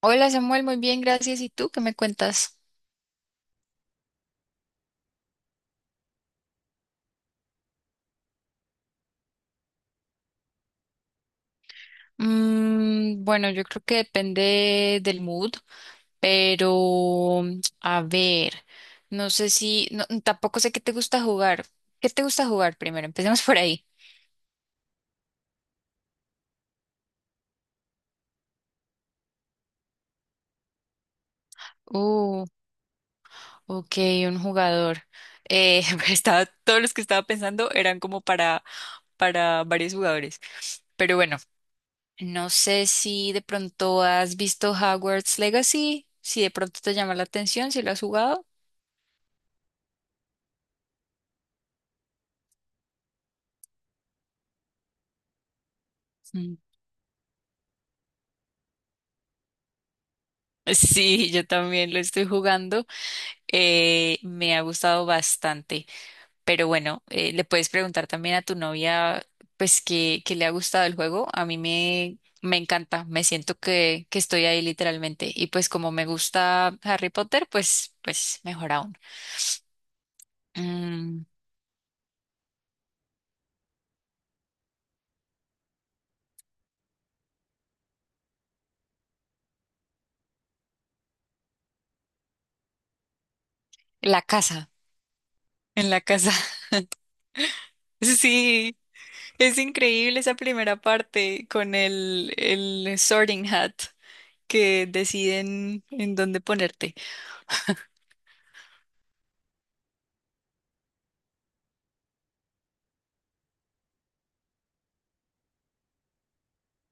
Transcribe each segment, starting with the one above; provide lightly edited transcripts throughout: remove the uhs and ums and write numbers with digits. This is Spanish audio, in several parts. Hola Samuel, muy bien, gracias. ¿Y tú qué me cuentas? Mm, bueno, yo creo que depende del mood, pero a ver, no sé si, no, tampoco sé qué te gusta jugar. ¿Qué te gusta jugar primero? Empecemos por ahí. Uh, ok, un jugador. Eh, estaba, todos los que estaba pensando eran como para varios jugadores. Pero bueno, no sé si de pronto has visto Hogwarts Legacy, si de pronto te llama la atención, si lo has jugado. Sí, yo también lo estoy jugando. Me ha gustado bastante. Pero bueno, le puedes preguntar también a tu novia, pues, que le ha gustado el juego. A mí me encanta. Me siento que estoy ahí literalmente. Y pues como me gusta Harry Potter, pues, pues mejor aún. Mm, la casa. En la casa. Sí, es increíble esa primera parte con el Sorting Hat que deciden en dónde ponerte.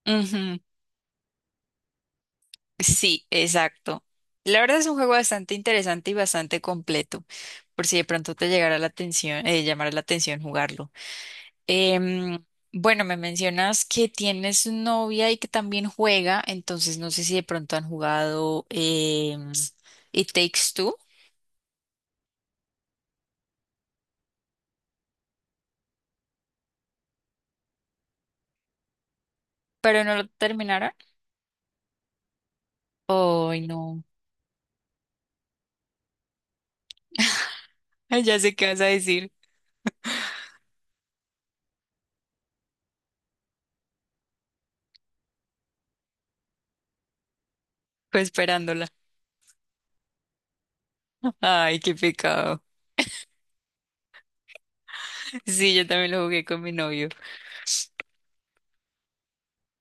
Ujú. Sí, exacto. La verdad es un juego bastante interesante y bastante completo, por si de pronto te llegara la atención, llamara la atención jugarlo. Em, bueno, me mencionas que tienes novia y que también juega, entonces no sé si de pronto han jugado It Takes Two, pero no lo terminaron. Ay, no. Ay, ya sé qué vas a decir. Fue esperándola. Ay, qué pecado. Sí, yo también lo jugué con mi novio.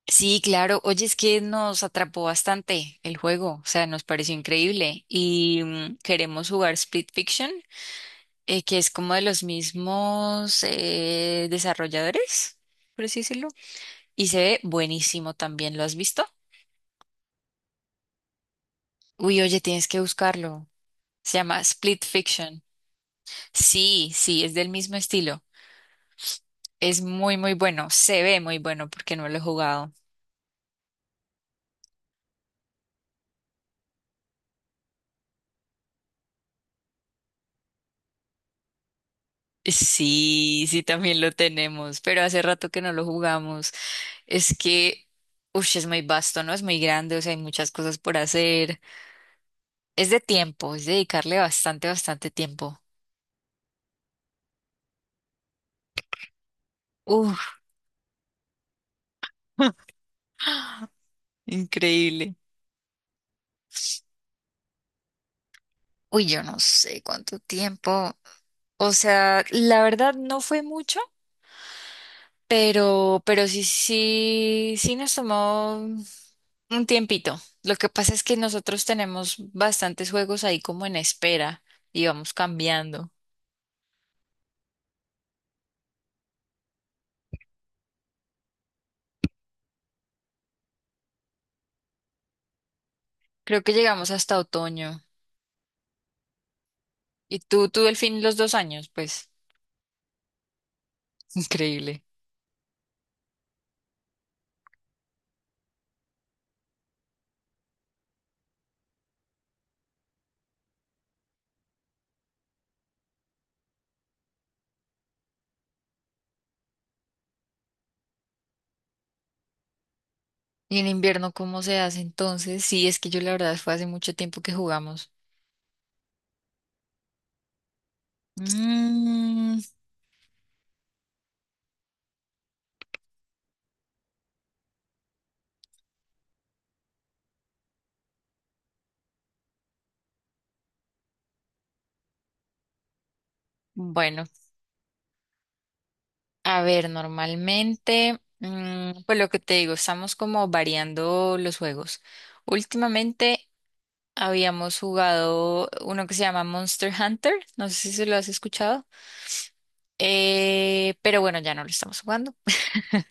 Sí, claro. Oye, es que nos atrapó bastante el juego, o sea, nos pareció increíble. Y mm, queremos jugar Split Fiction, que es como de los mismos desarrolladores, por así decirlo. Y se ve buenísimo también, ¿lo has visto? Uy, oye, tienes que buscarlo. Se llama Split Fiction. Sí, sí, es del mismo estilo. Es muy, muy bueno. Se ve muy bueno porque no lo he jugado. Sí, sí, también lo tenemos, pero hace rato que no lo jugamos. Es que, uff, es muy vasto, ¿no? Es muy grande, o sea, hay muchas cosas por hacer. Es de tiempo, es dedicarle bastante, bastante tiempo. Uff, increíble. Uy, yo no sé cuánto tiempo. O sea, la verdad no fue mucho, pero sí, sí, sí nos tomó un tiempito. Lo que pasa es que nosotros tenemos bastantes juegos ahí como en espera y vamos cambiando. Creo que llegamos hasta otoño. ¿Y tú, Delfín los 2 años, pues? Increíble. ¿Y en invierno cómo se hace entonces? Sí, es que yo la verdad fue hace mucho tiempo que jugamos. Mm, bueno, a ver, normalmente, mm, pues lo que te digo, estamos como variando los juegos. Últimamente habíamos jugado uno que se llama Monster Hunter, no sé si se lo has escuchado, pero bueno, ya no lo estamos jugando.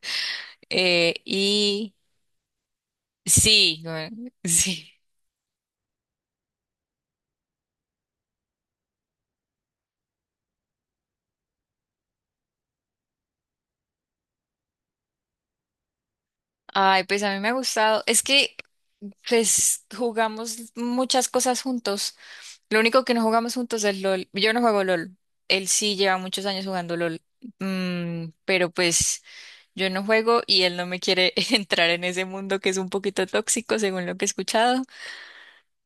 Eh, y sí, bueno, sí. Ay, pues a mí me ha gustado. Es que pues jugamos muchas cosas juntos. Lo único que no jugamos juntos es LOL. Yo no juego LOL. Él sí lleva muchos años jugando LOL. Mm, pero pues yo no juego y él no me quiere entrar en ese mundo que es un poquito tóxico, según lo que he escuchado.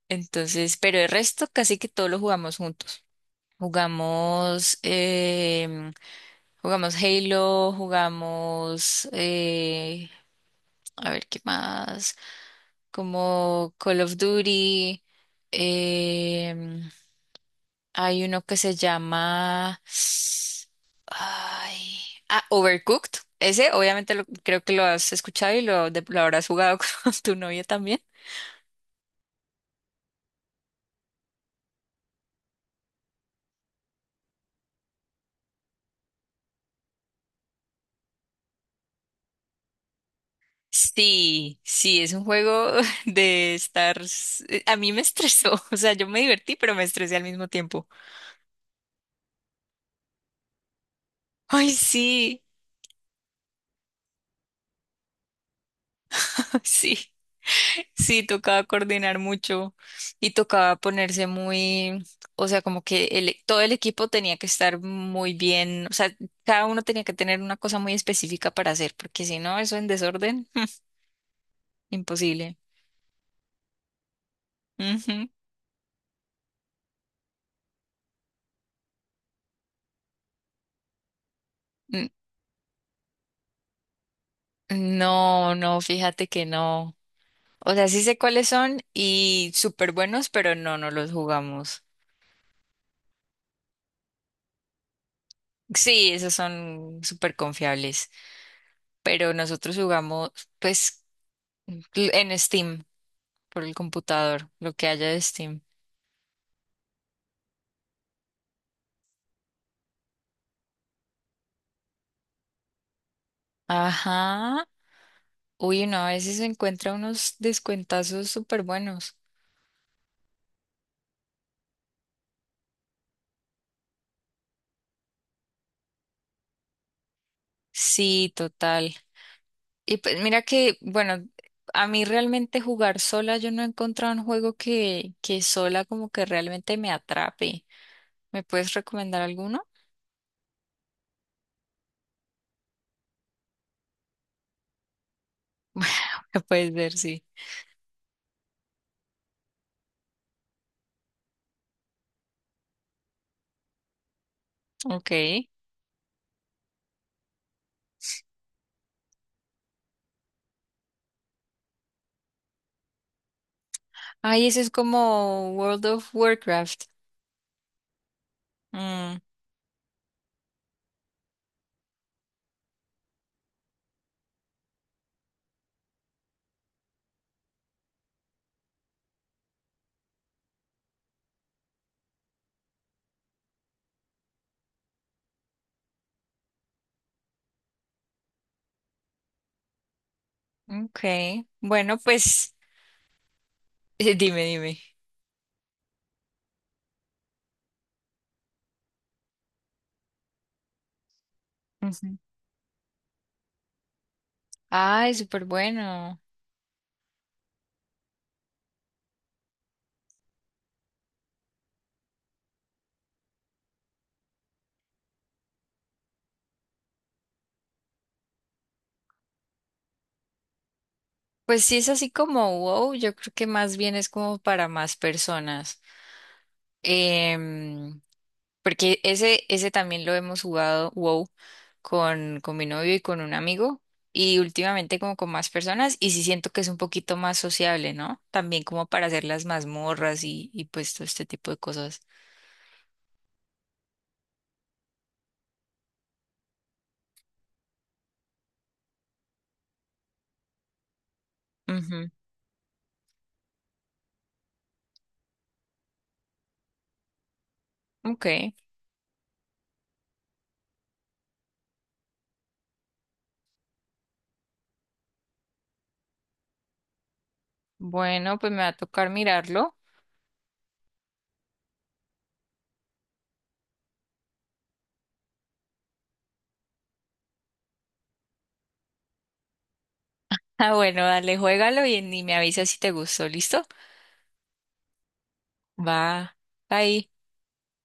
Entonces, pero el resto casi que todo lo jugamos juntos. Jugamos, jugamos Halo, jugamos, a ver qué más. Como Call of Duty. em, Hay uno que se llama... Ay, ah, Overcooked. Ese obviamente lo- creo que lo has escuchado y lo, de- lo habrás jugado con tu novia también. Sí, sí, es un juego de estar... A mí me estresó, o sea, yo me divertí, pero me estresé al mismo tiempo. Ay, sí, sí. Sí, tocaba coordinar mucho y tocaba ponerse muy, o sea, como que el- todo el equipo tenía que estar muy bien, o sea, cada uno tenía que tener una cosa muy específica para hacer, porque si no, eso en desorden, imposible. Ujú. N- No, no, fíjate que no. O sea, sí sé cuáles son y súper buenos, pero no, no los jugamos. Sí, esos son súper confiables, pero nosotros jugamos, pues, en Steam. Por el computador, lo que haya de Steam. Ajá. Uy, no, a veces se encuentra unos descuentazos súper buenos. Sí, total. Y pues mira que, bueno, a mí realmente jugar sola, yo no he encontrado un juego que sola como que realmente me atrape. ¿Me puedes recomendar alguno? Me puedes ver, sí. Ok. Ay, ese es como World of Warcraft. Mm, ok. Bueno, pues dime, dime. Ay, súper bueno. Pues sí es así como wow, yo creo que más bien es como para más personas. Em, Porque ese también lo hemos jugado wow con mi novio y con un amigo y últimamente como con más personas y sí siento que es un poquito más sociable, ¿no? También como para hacer las mazmorras y pues todo este tipo de cosas. Ujú, ok, bueno, pues me va a tocar mirarlo. Ah, bueno, dale, juégalo y me avisas si te gustó, ¿listo? Va, ahí.